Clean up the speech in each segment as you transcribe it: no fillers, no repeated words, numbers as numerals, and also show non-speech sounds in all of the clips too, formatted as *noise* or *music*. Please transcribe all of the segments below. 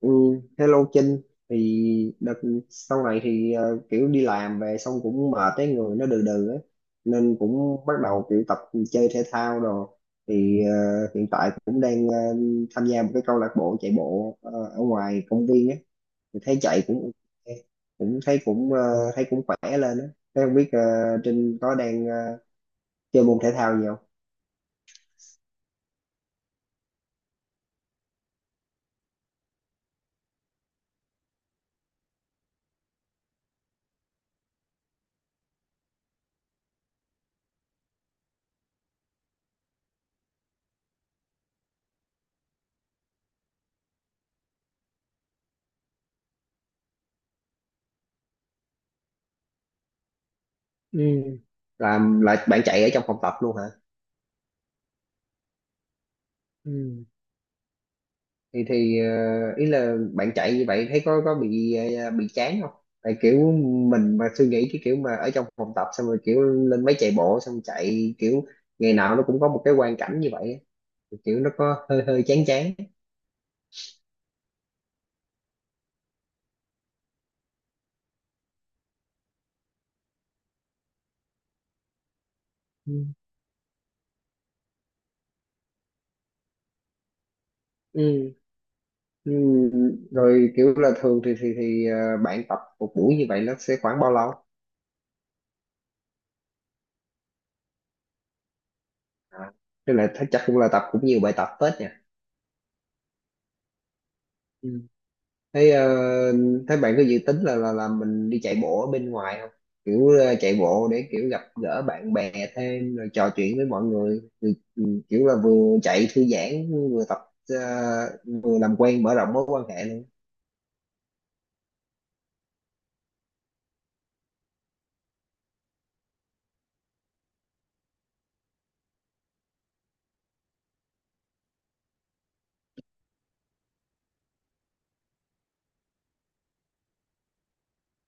Ừ, hello Trinh. Thì đợt sau này thì kiểu đi làm về xong cũng mệt, cái người nó đừ đừ ấy, nên cũng bắt đầu kiểu tập chơi thể thao rồi. Thì hiện tại cũng đang tham gia một cái câu lạc bộ chạy bộ ở ngoài công viên ấy, thì thấy chạy cũng ok, cũng thấy cũng thấy cũng khỏe lên ấy. Thế không biết Trinh có đang chơi môn thể thao gì không? Ừ. Làm là bạn chạy ở trong phòng tập luôn hả? Ừ. Thì ý là bạn chạy như vậy thấy có bị bị chán không, tại kiểu mình mà suy nghĩ cái kiểu mà ở trong phòng tập xong rồi kiểu lên máy chạy bộ xong chạy kiểu ngày nào nó cũng có một cái quang cảnh như vậy á. Thì kiểu nó có hơi hơi chán chán. Ừ. Ừ. Ừ. Rồi kiểu là thường thì bạn tập một buổi như vậy nó sẽ khoảng bao lâu? À. Tức là chắc cũng là tập cũng nhiều bài tập phết nhỉ? Ừ. Thế thế bạn có dự tính là mình đi chạy bộ ở bên ngoài không? Kiểu chạy bộ để kiểu gặp gỡ bạn bè thêm rồi trò chuyện với mọi người, ừ, ừ, kiểu là vừa chạy thư giãn vừa tập ờ, vừa làm quen mở rộng mối quan hệ.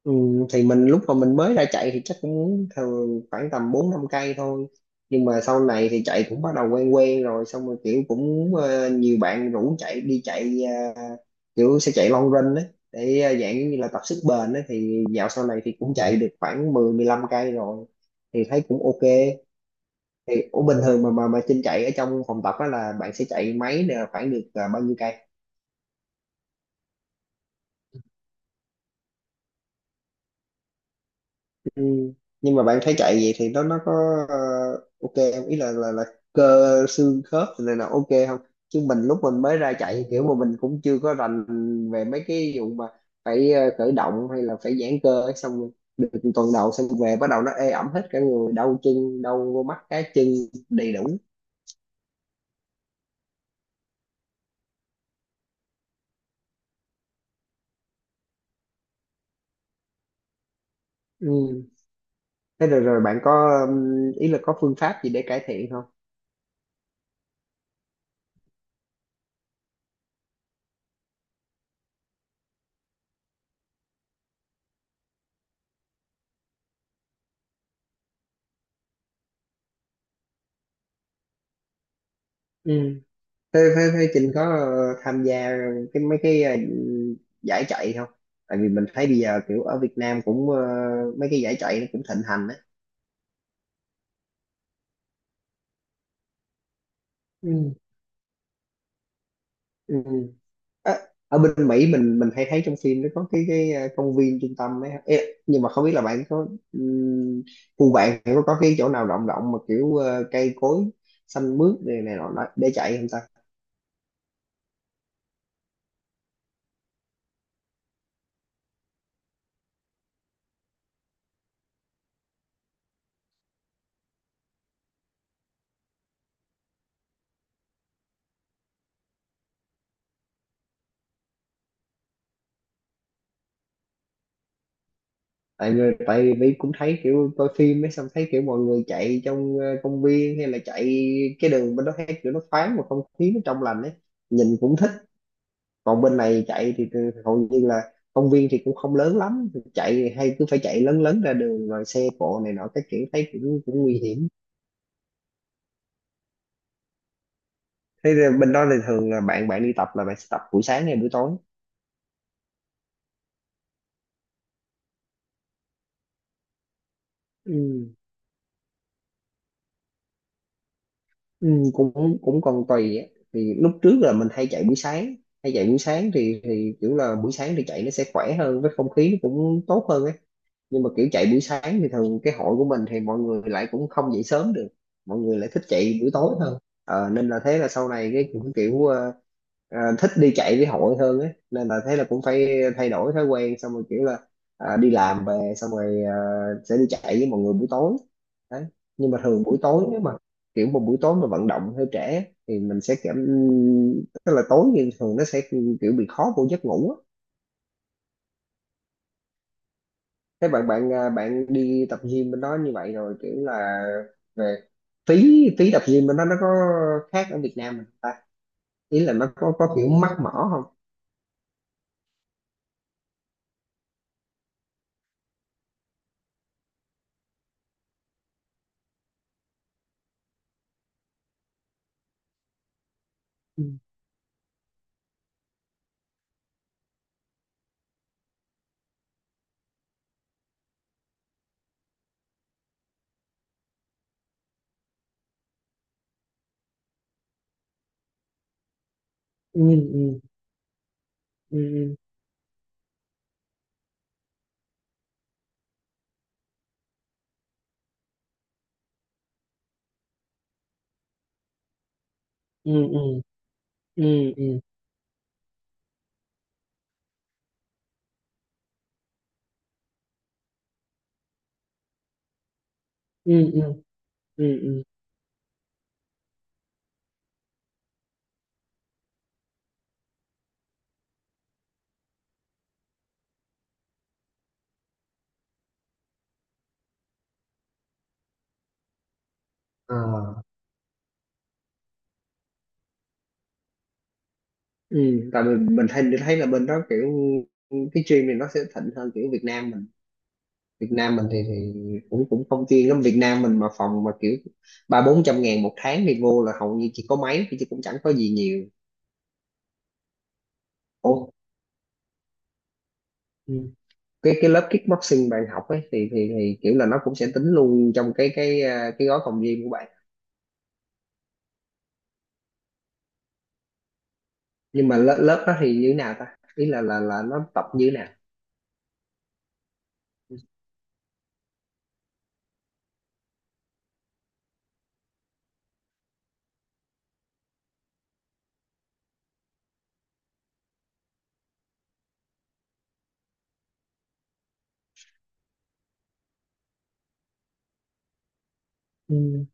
Ừ, thì mình lúc mà mình mới ra chạy thì chắc cũng thường khoảng tầm 4 5 cây thôi. Nhưng mà sau này thì chạy cũng bắt đầu quen quen rồi, xong rồi kiểu cũng nhiều bạn rủ chạy, đi chạy ờ, kiểu sẽ chạy long run đấy, để dạng như là tập sức bền đấy, thì dạo sau này thì cũng chạy được khoảng mười mười lăm cây rồi, thì thấy cũng ok. Thì ủa bình thường mà Trinh chạy ở trong phòng tập á là bạn sẽ chạy máy là khoảng được bao nhiêu cây? Ừ. Nhưng mà bạn thấy chạy vậy thì nó có ờ, ok không? Ý là cơ xương khớp này là ok không? Chứ mình lúc mình mới ra chạy kiểu mà mình cũng chưa có rành về mấy cái vụ mà phải khởi động hay là phải giãn cơ ấy, xong rồi được tuần đầu xong về bắt đầu nó ê ẩm hết cả người, đau chân, đau vô mắt cá chân đầy đủ. Ừ. Thế rồi rồi bạn có ý là có phương pháp gì để cải thiện không? Ừ. Thế Trinh có tham gia mấy cái giải chạy không? Tại vì mình thấy bây giờ kiểu ở Việt Nam cũng mấy cái giải chạy nó cũng thịnh hành á. Ừ. Ừ. Ờ, ở bên Mỹ mình hay thấy trong phim nó có cái công viên trung tâm ấy. Ê, nhưng mà không biết là bạn có ừm, khu bạn có cái chỗ nào rộng rộng mà kiểu cây cối xanh mướt này này nọ nọ để chạy không ta? Tại vì cũng thấy kiểu coi phim ấy, xong thấy kiểu mọi người chạy trong công viên hay là chạy cái đường bên đó, thấy kiểu nó thoáng mà không khí nó trong lành ấy, nhìn cũng thích. Còn bên này chạy thì hầu như là công viên thì cũng không lớn lắm, chạy thì hay cứ phải chạy lớn lớn ra đường rồi xe cộ này nọ các kiểu, thấy cũng cũng nguy hiểm. Thế là bên đó thì thường là bạn bạn đi tập là bạn sẽ tập buổi sáng hay buổi tối? Ừ. Ừ, cũng cũng còn tùy á. Thì lúc trước là mình hay chạy buổi sáng, hay chạy buổi sáng thì kiểu là buổi sáng thì chạy nó sẽ khỏe hơn, với không khí nó cũng tốt hơn ấy, nhưng mà kiểu chạy buổi sáng thì thường cái hội của mình thì mọi người lại cũng không dậy sớm được, mọi người lại thích chạy buổi tối hơn. Ờ, nên là thế là sau này cái cũng kiểu thích đi chạy với hội hơn ấy, nên là thế là cũng phải thay đổi thói quen, xong rồi kiểu là đi làm về xong rồi sẽ đi chạy với mọi người buổi tối. Đấy. Nhưng mà thường buổi tối nếu mà kiểu một buổi tối mà vận động hơi trễ thì mình sẽ cảm, tức là tối thì thường nó sẽ kiểu bị khó vô giấc ngủ á. Thế bạn bạn à, bạn đi tập gym bên đó như vậy rồi kiểu là về, phí phí tập gym bên đó nó có khác ở Việt Nam mình ta, ý là nó có kiểu mắc mỏ không? Ừ, ừ, ừ, ừ, ừ, ừ, ừ, ừ, ừ, ừ, ừ, ừ. Ờ. Ừ, tại mình thấy là bên đó kiểu cái gym này nó sẽ thịnh hơn kiểu Việt Nam mình. Việt Nam mình thì cũng cũng không chuyên lắm. Việt Nam mình mà phòng mà kiểu ba bốn trăm ngàn một tháng thì vô là hầu như chỉ có máy chứ cũng chẳng có gì nhiều. Ồ. Ừ. Cái lớp kickboxing bạn học ấy thì kiểu là nó cũng sẽ tính luôn trong cái gói phòng gym của bạn. Nhưng mà lớp lớp đó thì như thế nào ta? Ý là nó tập như thế nào? Ừ.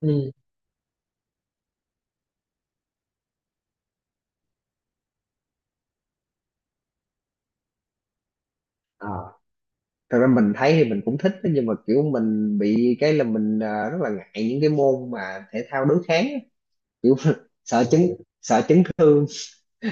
Ừ. Ờ, thật ra mình thấy thì mình cũng thích đó, nhưng mà kiểu mình bị cái là rất là ngại những cái môn mà thể thao đối kháng á. Kiểu *laughs* sợ chấn sợ chấn thương,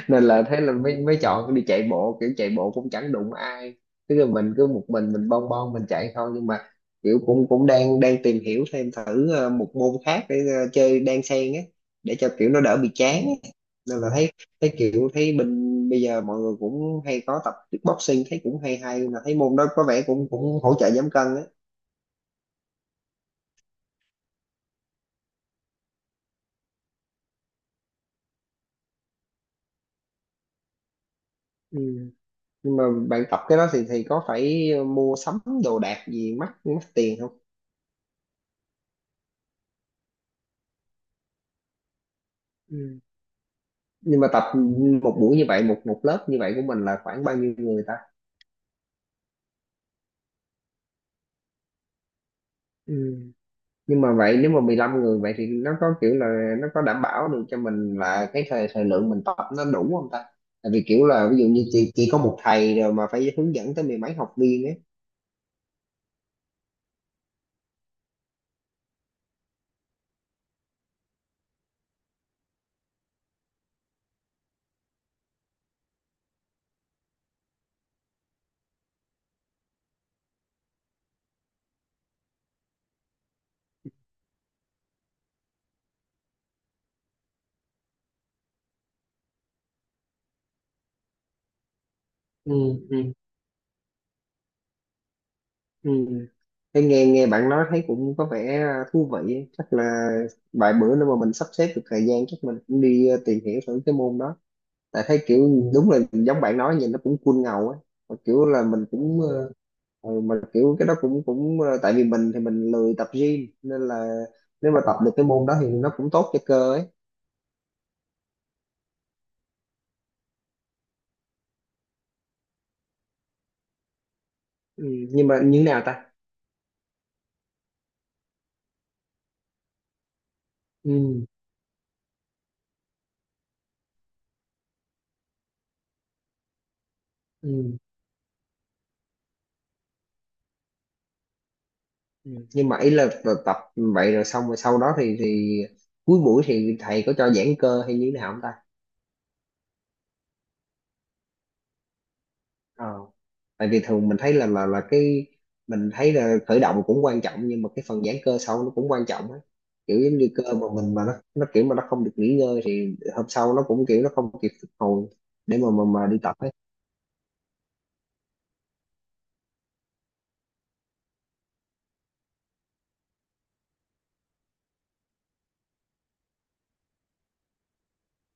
nên là thế là mới mới chọn đi chạy bộ, kiểu chạy bộ cũng chẳng đụng ai, tức là mình cứ một mình bon bon mình chạy thôi, nhưng mà kiểu cũng cũng đang đang tìm hiểu thêm, thử một môn khác để chơi đan xen á, để cho kiểu nó đỡ bị chán á. Nên là thấy thấy kiểu thấy mình bây giờ mọi người cũng hay có tập kickboxing, thấy cũng hay hay, mà thấy môn đó có vẻ cũng cũng hỗ trợ giảm cân á. Ừ. Nhưng mà bạn tập cái đó thì có phải mua sắm đồ đạc gì mắc mắc tiền không? Nhưng mà tập một buổi như vậy, một một lớp như vậy của mình là khoảng bao nhiêu người ta? Ừ. Nhưng mà vậy, nếu mà 15 người vậy thì nó có kiểu là nó có đảm bảo được cho mình là cái thời thời lượng mình tập nó đủ không ta? Tại vì kiểu là ví dụ như chỉ có một thầy rồi mà phải hướng dẫn tới mười mấy học viên ấy. Ừ, ừ, ừ. Thế nghe nghe bạn nói thấy cũng có vẻ thú vị ấy. Chắc là vài bữa nữa mà mình sắp xếp được thời gian, chắc mình cũng đi tìm hiểu thử cái môn đó. Tại thấy kiểu đúng là giống bạn nói, nhìn nó cũng cool ngầu á, mà kiểu là mình cũng ừ, mà kiểu cái đó cũng cũng tại vì mình thì mình lười tập gym, nên là nếu mà tập được cái môn đó thì nó cũng tốt cho cơ ấy. Ừ, nhưng mà như thế nào ta? Ừ, ừ, ừ. Nhưng mà ý là tập vậy rồi, xong rồi sau đó thì cuối buổi thì thầy có cho giãn cơ hay như thế nào không ta? Ờ. Tại vì thường mình thấy là cái, mình thấy là khởi động cũng quan trọng nhưng mà cái phần giãn cơ sau nó cũng quan trọng á, kiểu giống như cơ mà mình, mà nó kiểu mà nó không được nghỉ ngơi thì hôm sau nó cũng kiểu nó không kịp phục hồi để mà đi tập ấy.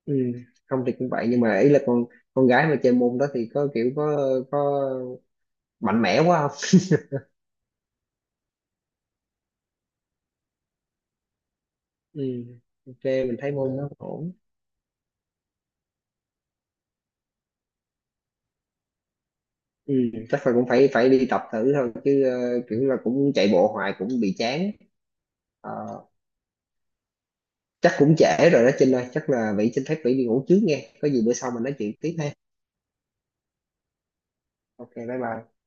Ừ. Không thì cũng vậy, nhưng mà ý là con gái mà chơi môn đó thì có kiểu có mạnh mẽ quá không? *laughs* Ừ. Ok, mình thấy môn nó ổn. Ừ. Chắc là cũng phải phải đi tập thử thôi chứ, kiểu là cũng chạy bộ hoài cũng bị chán. Ờ, chắc cũng trễ rồi đó Trinh ơi, chắc là Vĩ xin phép, Vĩ đi ngủ trước nghe, có gì bữa sau mình nói chuyện tiếp ha. Ok, bye bye.